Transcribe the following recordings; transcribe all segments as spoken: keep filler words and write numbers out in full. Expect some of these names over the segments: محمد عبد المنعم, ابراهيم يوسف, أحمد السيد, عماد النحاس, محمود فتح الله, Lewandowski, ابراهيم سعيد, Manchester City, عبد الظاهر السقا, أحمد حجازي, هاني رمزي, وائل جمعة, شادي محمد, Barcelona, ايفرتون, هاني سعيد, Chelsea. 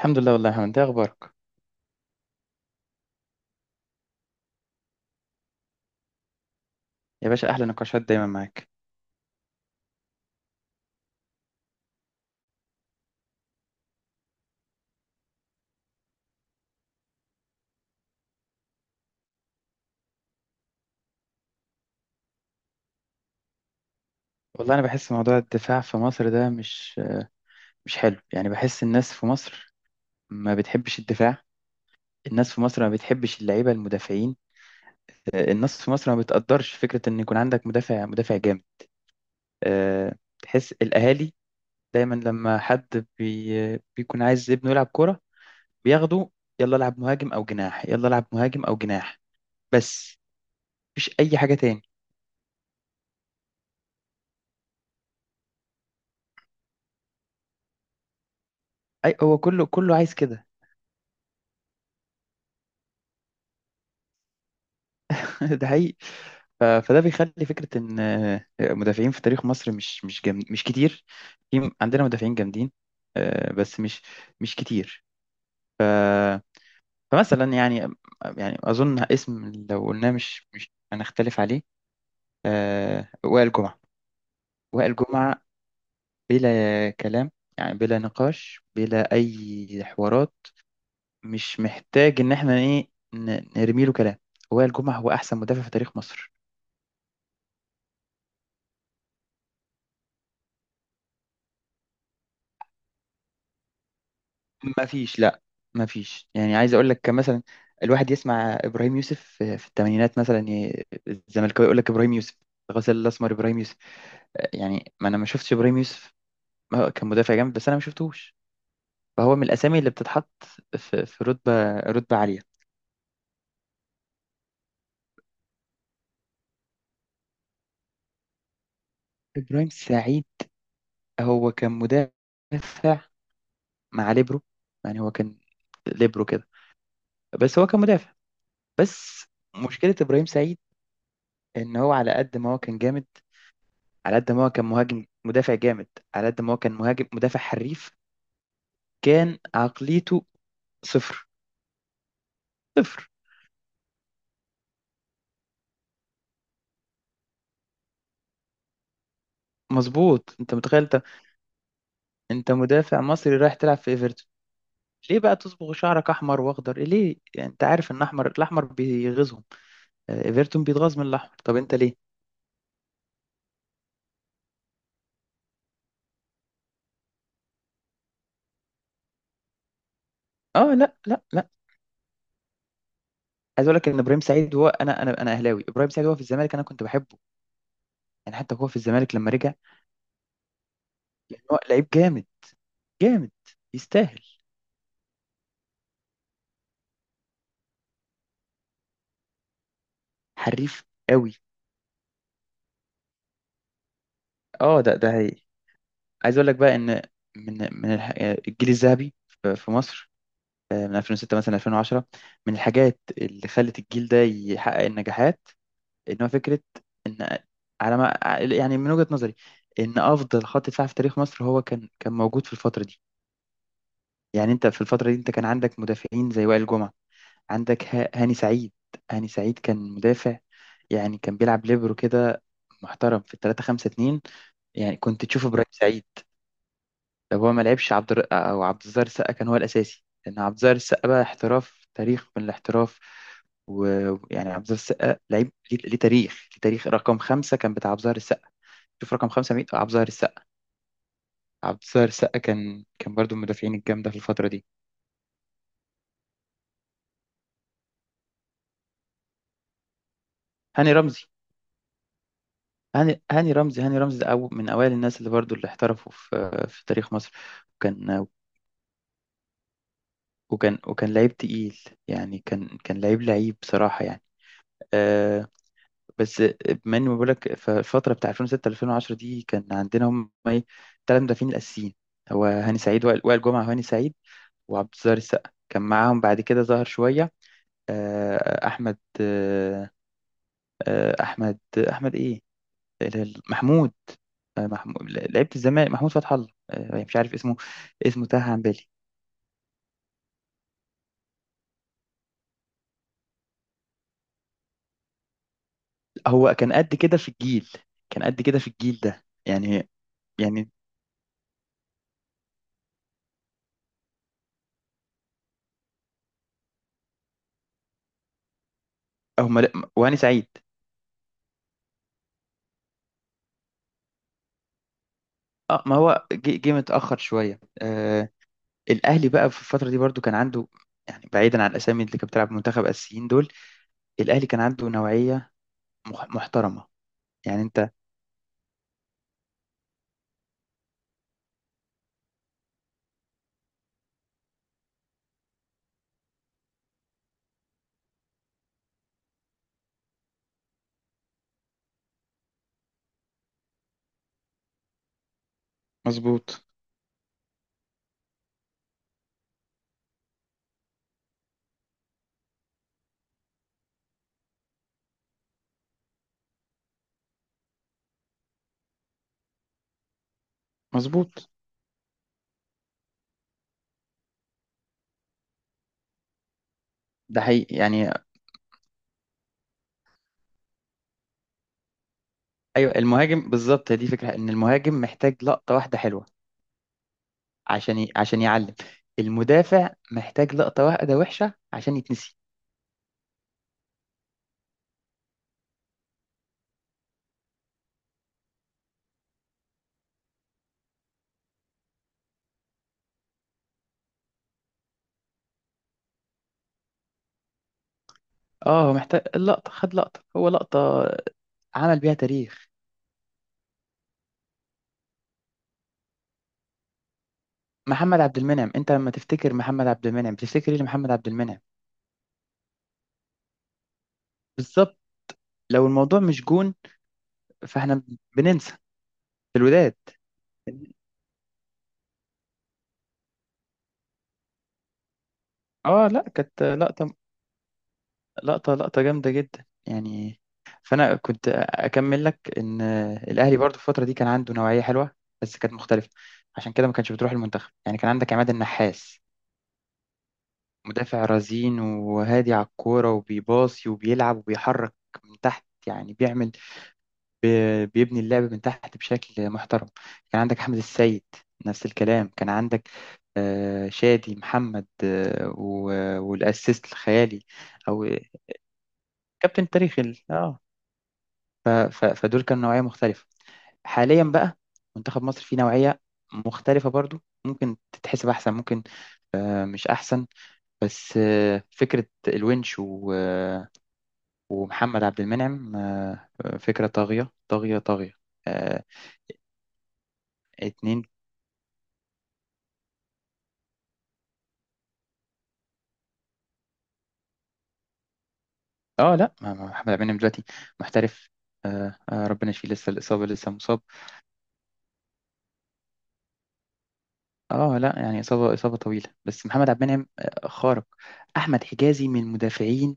الحمد لله والله يا محمد، ده اخبارك؟ يا باشا احلى نقاشات دايما معاك. والله انا بحس موضوع الدفاع في مصر ده مش مش حلو. يعني بحس الناس في مصر ما بتحبش الدفاع. الناس في مصر ما بتحبش اللعيبه المدافعين. آه، الناس في مصر ما بتقدرش فكره ان يكون عندك مدافع مدافع جامد. آه، تحس الاهالي دايما لما حد بي بيكون عايز ابنه يلعب كوره، بياخده: يلا العب مهاجم او جناح، يلا العب مهاجم او جناح، بس. مفيش اي حاجه تاني. اي هو كله كله عايز كده. ده حقيقي. ف- فده بيخلي فكرة إن آه، مدافعين في تاريخ مصر مش مش جم... مش كتير. في عندنا مدافعين جامدين، آه، بس مش مش كتير. فمثلا يعني، آه، يعني أظن اسم لو قلناه مش مش هنختلف عليه: آه، وائل جمعة. وائل جمعة بلا كلام، يعني بلا نقاش بلا أي حوارات. مش محتاج إن إحنا إيه ن- نرمي له كلام. وائل جمعة هو أحسن مدافع في تاريخ مصر. ما فيش، لا، ما فيش. يعني عايز اقول لك مثلا، الواحد يسمع ابراهيم يوسف في في الثمانينات مثلا، ي- الزملكاوي يقول لك ابراهيم يوسف، الغزال الاسمر ابراهيم يوسف. يعني ما انا ما شفتش ابراهيم يوسف. ما هو كان مدافع جامد بس انا ما شفتهوش. فهو من الاسامي اللي بتتحط في في رتبه رتبه عاليه. ابراهيم سعيد هو كان مدافع مع ليبرو، يعني هو كان ليبرو كده، بس هو كان مدافع. بس مشكله ابراهيم سعيد ان هو على قد ما هو كان جامد، على قد ما هو كان مهاجم مدافع جامد، على قد ما هو كان مهاجم مدافع حريف، كان عقليته صفر. صفر. مظبوط، انت متخيل؟ انت انت مدافع مصري رايح تلعب في ايفرتون، ليه بقى تصبغ شعرك احمر واخضر؟ ليه؟ يعني انت عارف ان احمر، الاحمر بيغيظهم. آه، ايفرتون بيتغاظ من الاحمر، طب انت ليه؟ اه، لا لا لا. عايز اقول لك ان ابراهيم سعيد، هو انا انا انا اهلاوي، ابراهيم سعيد هو في الزمالك انا كنت بحبه. يعني حتى هو في الزمالك لما رجع، لان هو لعيب جامد، جامد، يستاهل. حريف قوي. اه، ده ده هي. عايز اقول لك بقى ان من من الح- الجيل الذهبي ف- في مصر، آه، من ألفين وستة مثلا ألفين وعشرة، من الحاجات اللي خلت الجيل ده يحقق النجاحات ان هو فكره ان، على ما، يعني من وجهه نظري، ان افضل خط دفاع في تاريخ مصر هو كان كان موجود في الفتره دي. يعني انت في الفتره دي انت كان عندك مدافعين زي وائل جمعه، عندك ه- هاني سعيد. هاني سعيد كان مدافع، يعني كان بيلعب ليبرو كده، محترم في ثلاثة خمسة اتنين. يعني كنت تشوفه ابراهيم سعيد لو هو ما لعبش عبد الر... او عبد الظاهر السقا كان هو الاساسي، لان عبد الظاهر السقا بقى احتراف، تاريخ من الاحتراف. ويعني عبد الظاهر السقا لعيب ليه ليه تاريخ، ليه تاريخ. رقم خمسة كان بتاع عبد الظاهر السقا، شوف رقم خمسة مين، عبد الظاهر السقا. عبد الظاهر السقا كان كان برضو من المدافعين الجامدة في الفترة دي. هاني رمزي. هاني هاني رمزي هاني رمزي ده أو من أوائل الناس اللي برضو اللي احترفوا في في تاريخ مصر. وكان وكان وكان لعيب تقيل، يعني كان كان لعيب، لعيب بصراحة، يعني، آه، بس. بما اني بقول لك، فالفتره بتاع ألفين وستة ألفين وعشرة دي كان عندنا هم ايه؟ ثلاث مدافعين الاساسيين، هو هاني سعيد، وائل وائل جمعه وهاني سعيد وعبد الظاهر السقا كان معاهم. بعد كده ظهر شويه، آه، احمد آه، آه، احمد احمد ايه؟ ال- ال- محمود. آه، محمود، لعيبه الزمالك، محمود فتح الله. آه، مش عارف اسمه، اسمه تاه عن بالي. هو كان قد كده في الجيل، كان قد كده في الجيل ده يعني. يعني هم وهاني سعيد. اه، ما هو جه جه متأخر شوية. آه، الاهلي بقى في الفتره دي برضو كان عنده، يعني بعيدا عن الاسامي اللي كانت بتلعب منتخب اساسيين دول، الاهلي كان عنده نوعيه مح- محترمه. يعني انت. مظبوط. مظبوط. ده حقيقي يعني. ايوه، المهاجم بالظبط، هي دي فكره، ان المهاجم محتاج لقطه واحده حلوه عشان ي... عشان يعلم. المدافع محتاج لقطه واحده وحشه عشان يتنسي. اه، هو محتاج اللقطه، خد لقطه، هو لقطه عمل بيها تاريخ. محمد عبد المنعم، انت لما تفتكر محمد عبد المنعم بتفتكر ايه لمحمد عبد المنعم؟ بالظبط. لو الموضوع مش جون فاحنا بننسى. الوداد. اه لا، كانت لقطة، لقطة لقطة جامدة جدا يعني. فانا كنت اكمل لك ان الاهلي برضو في الفترة دي كان عنده نوعية حلوة، بس كانت مختلفة، عشان كده ما كانش بتروح المنتخب. يعني كان عندك عماد النحاس، مدافع رزين وهادي على الكورة وبيباصي وبيلعب وبيحرك من تحت، يعني بيعمل، بي- بيبني اللعب من تحت بشكل محترم. كان عندك أحمد السيد، نفس الكلام. كان عندك آه، شادي محمد، آه، و- والأسيست الخيالي، أو كابتن تاريخي ال- اه ف- ف- فدول كانوا نوعية مختلفة. حاليا بقى، منتخب مصر فيه نوعية مختلفة برضو، ممكن تتحسب أحسن، ممكن، آه، مش أحسن، بس آه، فكرة الونش و- آه، ومحمد عبد المنعم، آه، فكرة طاغية طاغية طاغية. آه، اتنين. اه لا، ما- ما محمد عبد المنعم دلوقتي محترف. آه آه ربنا يشفيه، لسه الإصابة، لسه مصاب. اه لا يعني، إصابة إصابة طويلة، بس محمد عبد المنعم آه، خارق. أحمد حجازي من المدافعين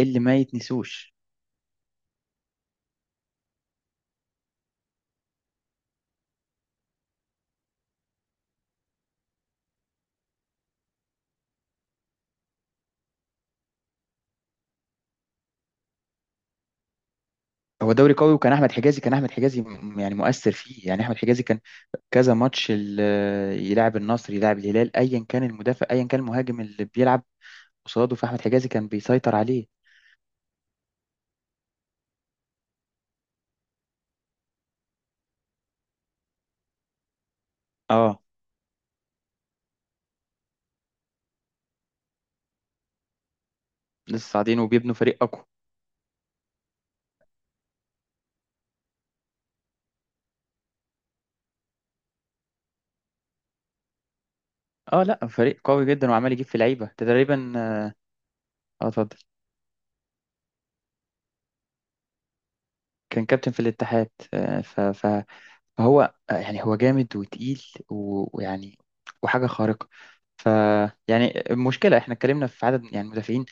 اللي ما يتنسوش. هو دوري قوي، وكان أحمد حجازي، كان أحمد حجازي م- يعني مؤثر فيه. يعني أحمد حجازي كان كذا ماتش ال- آه، يلعب النصر، يلعب الهلال، أيا كان المدافع أيا كان المهاجم اللي بيلعب قصاده، فأحمد حجازي كان بيسيطر عليه. اه لسه صاعدين وبيبنوا فريق أقوى. اه لا، فريق قوي جدا وعمال يجيب في لعيبة ده تقريبا، اه. آه، اتفضل. كان كابتن في الاتحاد، آه، ف- ف- فهو آه، يعني هو جامد وتقيل و- ويعني وحاجة خارقة. ف يعني المشكلة احنا اتكلمنا في عدد يعني مدافعين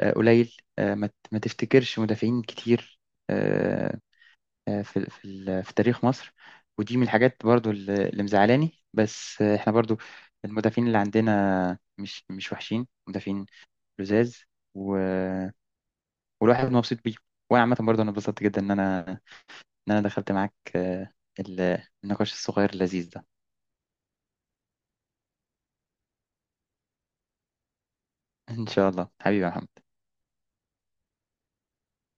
آه، قليل، آه، ما ت- ما تفتكرش مدافعين كتير، آه، آه، في في ال- في تاريخ مصر. ودي من الحاجات برضو اللي اللي مزعلاني، بس آه، احنا برضو المدافعين اللي عندنا مش مش وحشين مدافعين، لزاز، و... والواحد مبسوط بيه. وانا عامة برضو انا اتبسطت جدا ان انا إن أنا دخلت معاك آه، ال- النقاش الصغير اللذيذ ده. إن شاء الله حبيبي يا محمد.